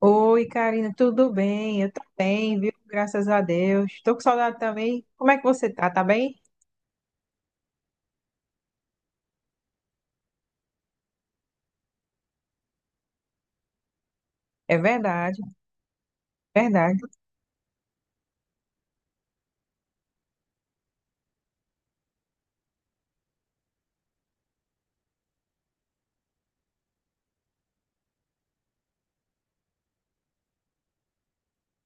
Oi, Karina, tudo bem? Eu tô bem, viu? Graças a Deus. Tô com saudade também. Como é que você tá? Tá bem? É verdade, verdade.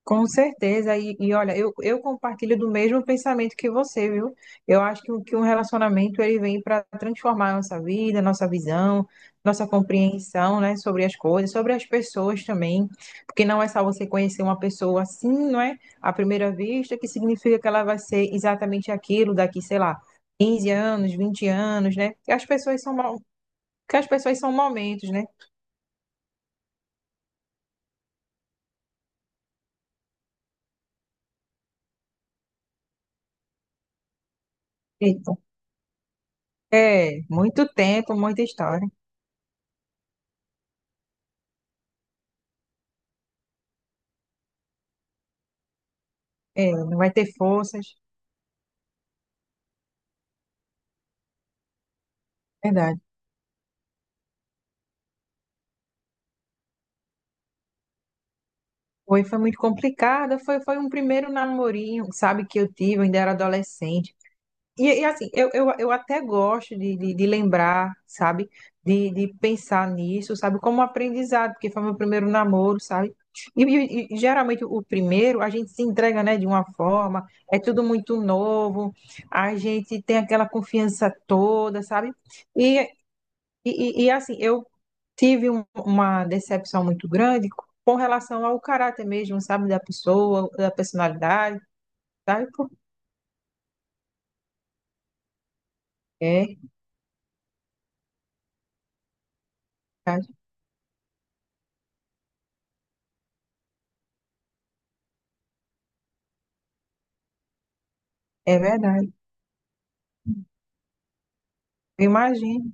Com certeza, e olha, eu compartilho do mesmo pensamento que você, viu? Eu acho que um relacionamento ele vem para transformar a nossa vida, nossa visão, nossa compreensão, né, sobre as coisas, sobre as pessoas também, porque não é só você conhecer uma pessoa assim, não é? À primeira vista, que significa que ela vai ser exatamente aquilo daqui, sei lá, 15 anos, 20 anos, né? Que as pessoas são momentos, né? Eita. É, muito tempo, muita história. É, não vai ter forças. Verdade. Foi muito complicada. Foi um primeiro namorinho, sabe, que eu tive, eu ainda era adolescente. E assim, eu até gosto de lembrar, sabe, de pensar nisso, sabe, como aprendizado, porque foi meu primeiro namoro, sabe? E geralmente o primeiro a gente se entrega, né, de uma forma, é tudo muito novo, a gente tem aquela confiança toda, sabe? E, e assim, eu tive uma decepção muito grande com relação ao caráter mesmo, sabe, da pessoa, da personalidade, sabe por quê? Sabe? É verdade. Eu imagino.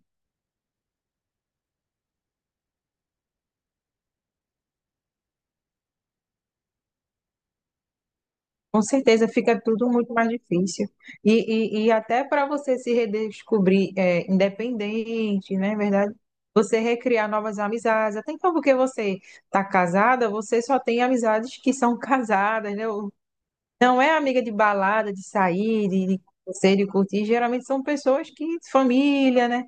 Com certeza fica tudo muito mais difícil. E até para você se redescobrir é, independente, né? É verdade? Você recriar novas amizades. Até então, porque você está casada, você só tem amizades que são casadas, né? Não é amiga de balada, de sair, de conhecer, de curtir. Geralmente são pessoas que, família, né?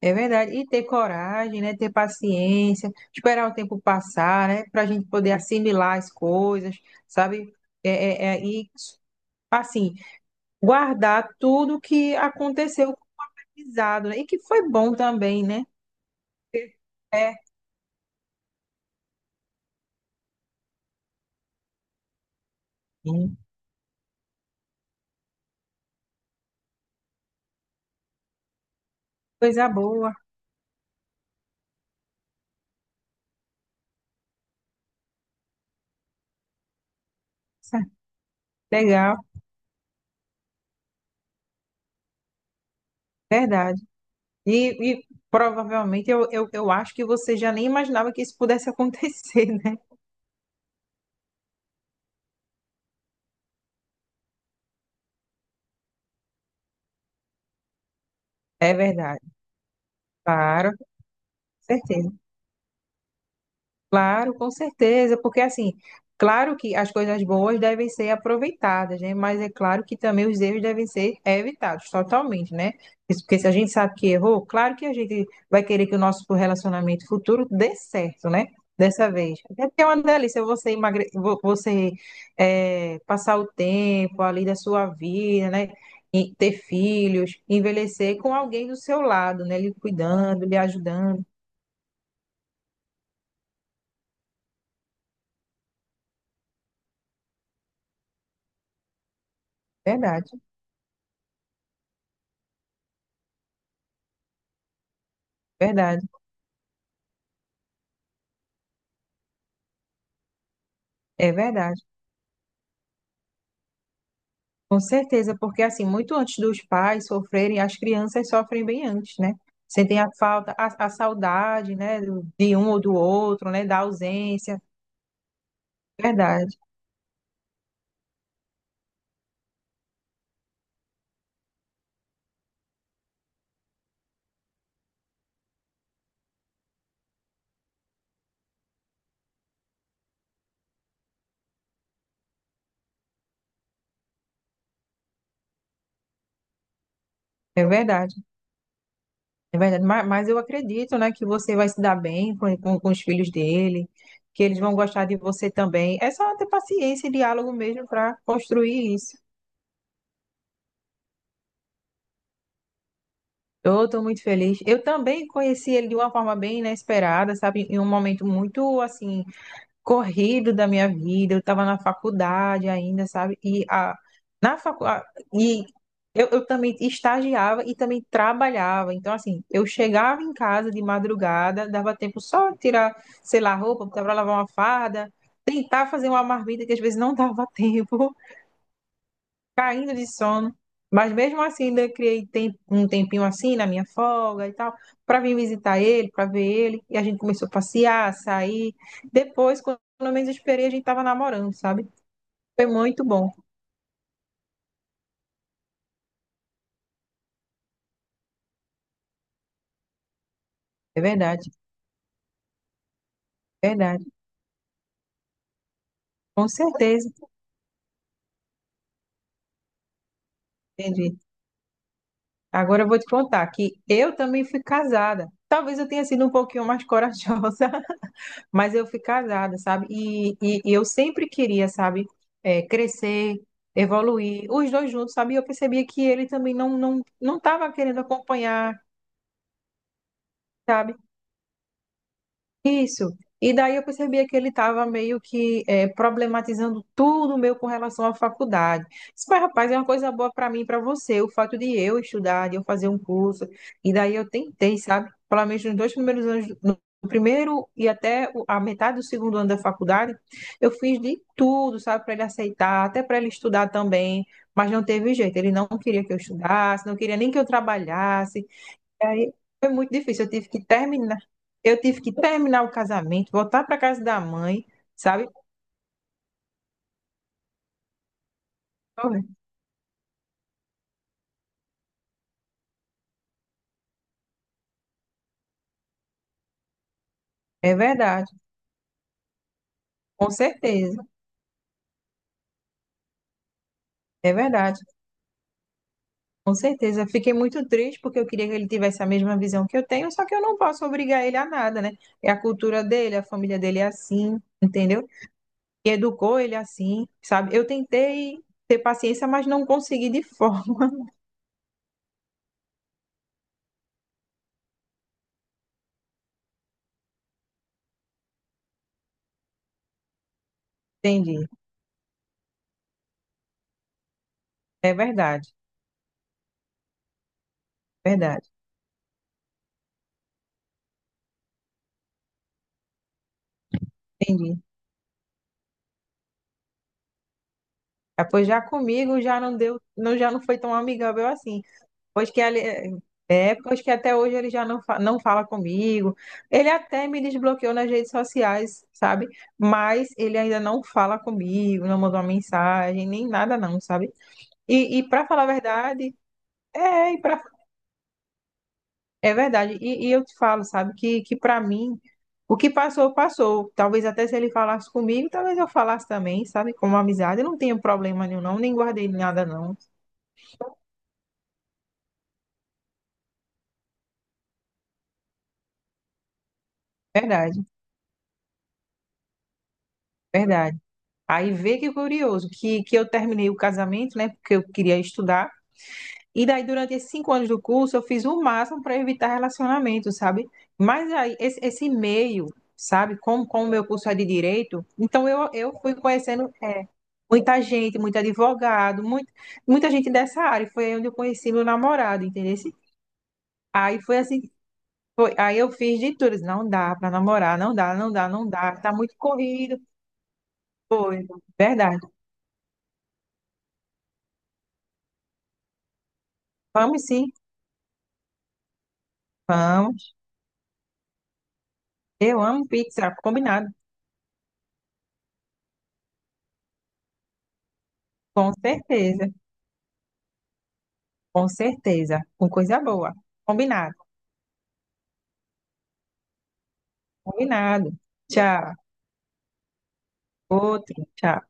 É verdade. E ter coragem, né? Ter paciência, esperar o tempo passar, né? Para a gente poder assimilar as coisas, sabe? É, é- é- e, assim, guardar tudo que aconteceu com o aprendizado, né? E que foi bom também, né? É, sim. Coisa boa. Legal, verdade. E provavelmente eu acho que você já nem imaginava que isso pudesse acontecer, né? É verdade. Claro, com certeza. Claro, com certeza, porque assim, claro que as coisas boas devem ser aproveitadas, né? Mas é claro que também os erros devem ser evitados totalmente, né? Isso. Porque se a gente sabe que errou, claro que a gente vai querer que o nosso relacionamento futuro dê certo, né? Dessa vez. Até porque é uma delícia você emagre... vo- você eh, passar o tempo ali da sua vida, né? E ter filhos, envelhecer com alguém do seu lado, né? Lhe cuidando, lhe ajudando. Verdade, verdade, é verdade. Com certeza, porque assim, muito antes dos pais sofrerem, as crianças sofrem bem antes, né? Sentem a falta, a saudade, né, de um ou do outro, né, da ausência. Verdade, é verdade, é verdade. Mas eu acredito, né, que você vai se dar bem com os filhos dele, que eles vão gostar de você também. É só ter paciência e diálogo mesmo para construir isso. Eu estou muito feliz. Eu também conheci ele de uma forma bem inesperada, sabe? Em um momento muito, assim corrido da minha vida, eu estava na faculdade ainda, sabe? E a, na facu, a- e eu também estagiava e também trabalhava. Então, assim, eu chegava em casa de madrugada, dava tempo só de tirar, sei lá, roupa, para lavar uma farda, tentar fazer uma marmita que às vezes não dava tempo caindo de sono. Mas mesmo assim, ainda criei um tempinho assim na minha folga e tal, para vir visitar ele, para ver ele. E a gente começou a passear, a sair. Depois, quando eu menos esperei, a gente estava namorando, sabe? Foi muito bom. É verdade, verdade. Com certeza, entendi. Agora eu vou te contar que eu também fui casada. Talvez eu tenha sido um pouquinho mais corajosa, mas eu fui casada, sabe? E eu sempre queria, sabe, é, crescer, evoluir, os dois juntos, sabe? E eu percebia que ele também não estava querendo acompanhar, sabe? Isso. E daí eu percebia que ele estava meio que problematizando tudo meu com relação à faculdade. Disse, mas, rapaz, é uma coisa boa para mim e para você, o fato de eu estudar, de eu fazer um curso. E daí eu tentei, sabe? Pelo menos nos dois primeiros anos, no primeiro e até a metade do segundo ano da faculdade, eu fiz de tudo, sabe? Para ele aceitar, até para ele estudar também. Mas não teve jeito. Ele não queria que eu estudasse, não queria nem que eu trabalhasse. E aí foi muito difícil. Eu tive que terminar. Eu tive que terminar o casamento, voltar para casa da mãe, sabe? É verdade, com certeza. É verdade, com certeza. Fiquei muito triste porque eu queria que ele tivesse a mesma visão que eu tenho, só que eu não posso obrigar ele a nada, né? É a cultura dele, a família dele é assim, entendeu? E educou ele assim, sabe? Eu tentei ter paciência, mas não consegui de forma. Entendi. É verdade, verdade. Entendi. Ah, pois já comigo já não deu, não, já não foi tão amigável assim. Pois que ele, pois que até hoje ele já não fala comigo. Ele até me desbloqueou nas redes sociais, sabe? Mas ele ainda não fala comigo, não mandou uma mensagem, nem nada não, sabe? E para falar a verdade, é, e pra, é verdade. E eu te falo, sabe, que para mim, o que passou, passou. Talvez até se ele falasse comigo, talvez eu falasse também, sabe? Como amizade, eu não tenho problema nenhum, não, nem guardei nada não. Verdade, verdade. Aí vê que curioso, que eu terminei o casamento, né? Porque eu queria estudar. E daí, durante esses 5 anos do curso, eu fiz o máximo para evitar relacionamento, sabe? Mas aí, esse meio, sabe? Como o meu curso é de direito, então eu fui conhecendo muita gente, muito advogado, muita gente dessa área. Foi aí onde eu conheci meu namorado, entendeu? Aí foi assim, aí eu fiz de tudo. Não dá para namorar, não dá, não dá, não dá. Tá muito corrido. Foi, verdade. Vamos sim, vamos. Eu amo pizza, combinado. Com certeza, com certeza. Com coisa boa. Combinado, combinado. Tchau. Outro, tchau.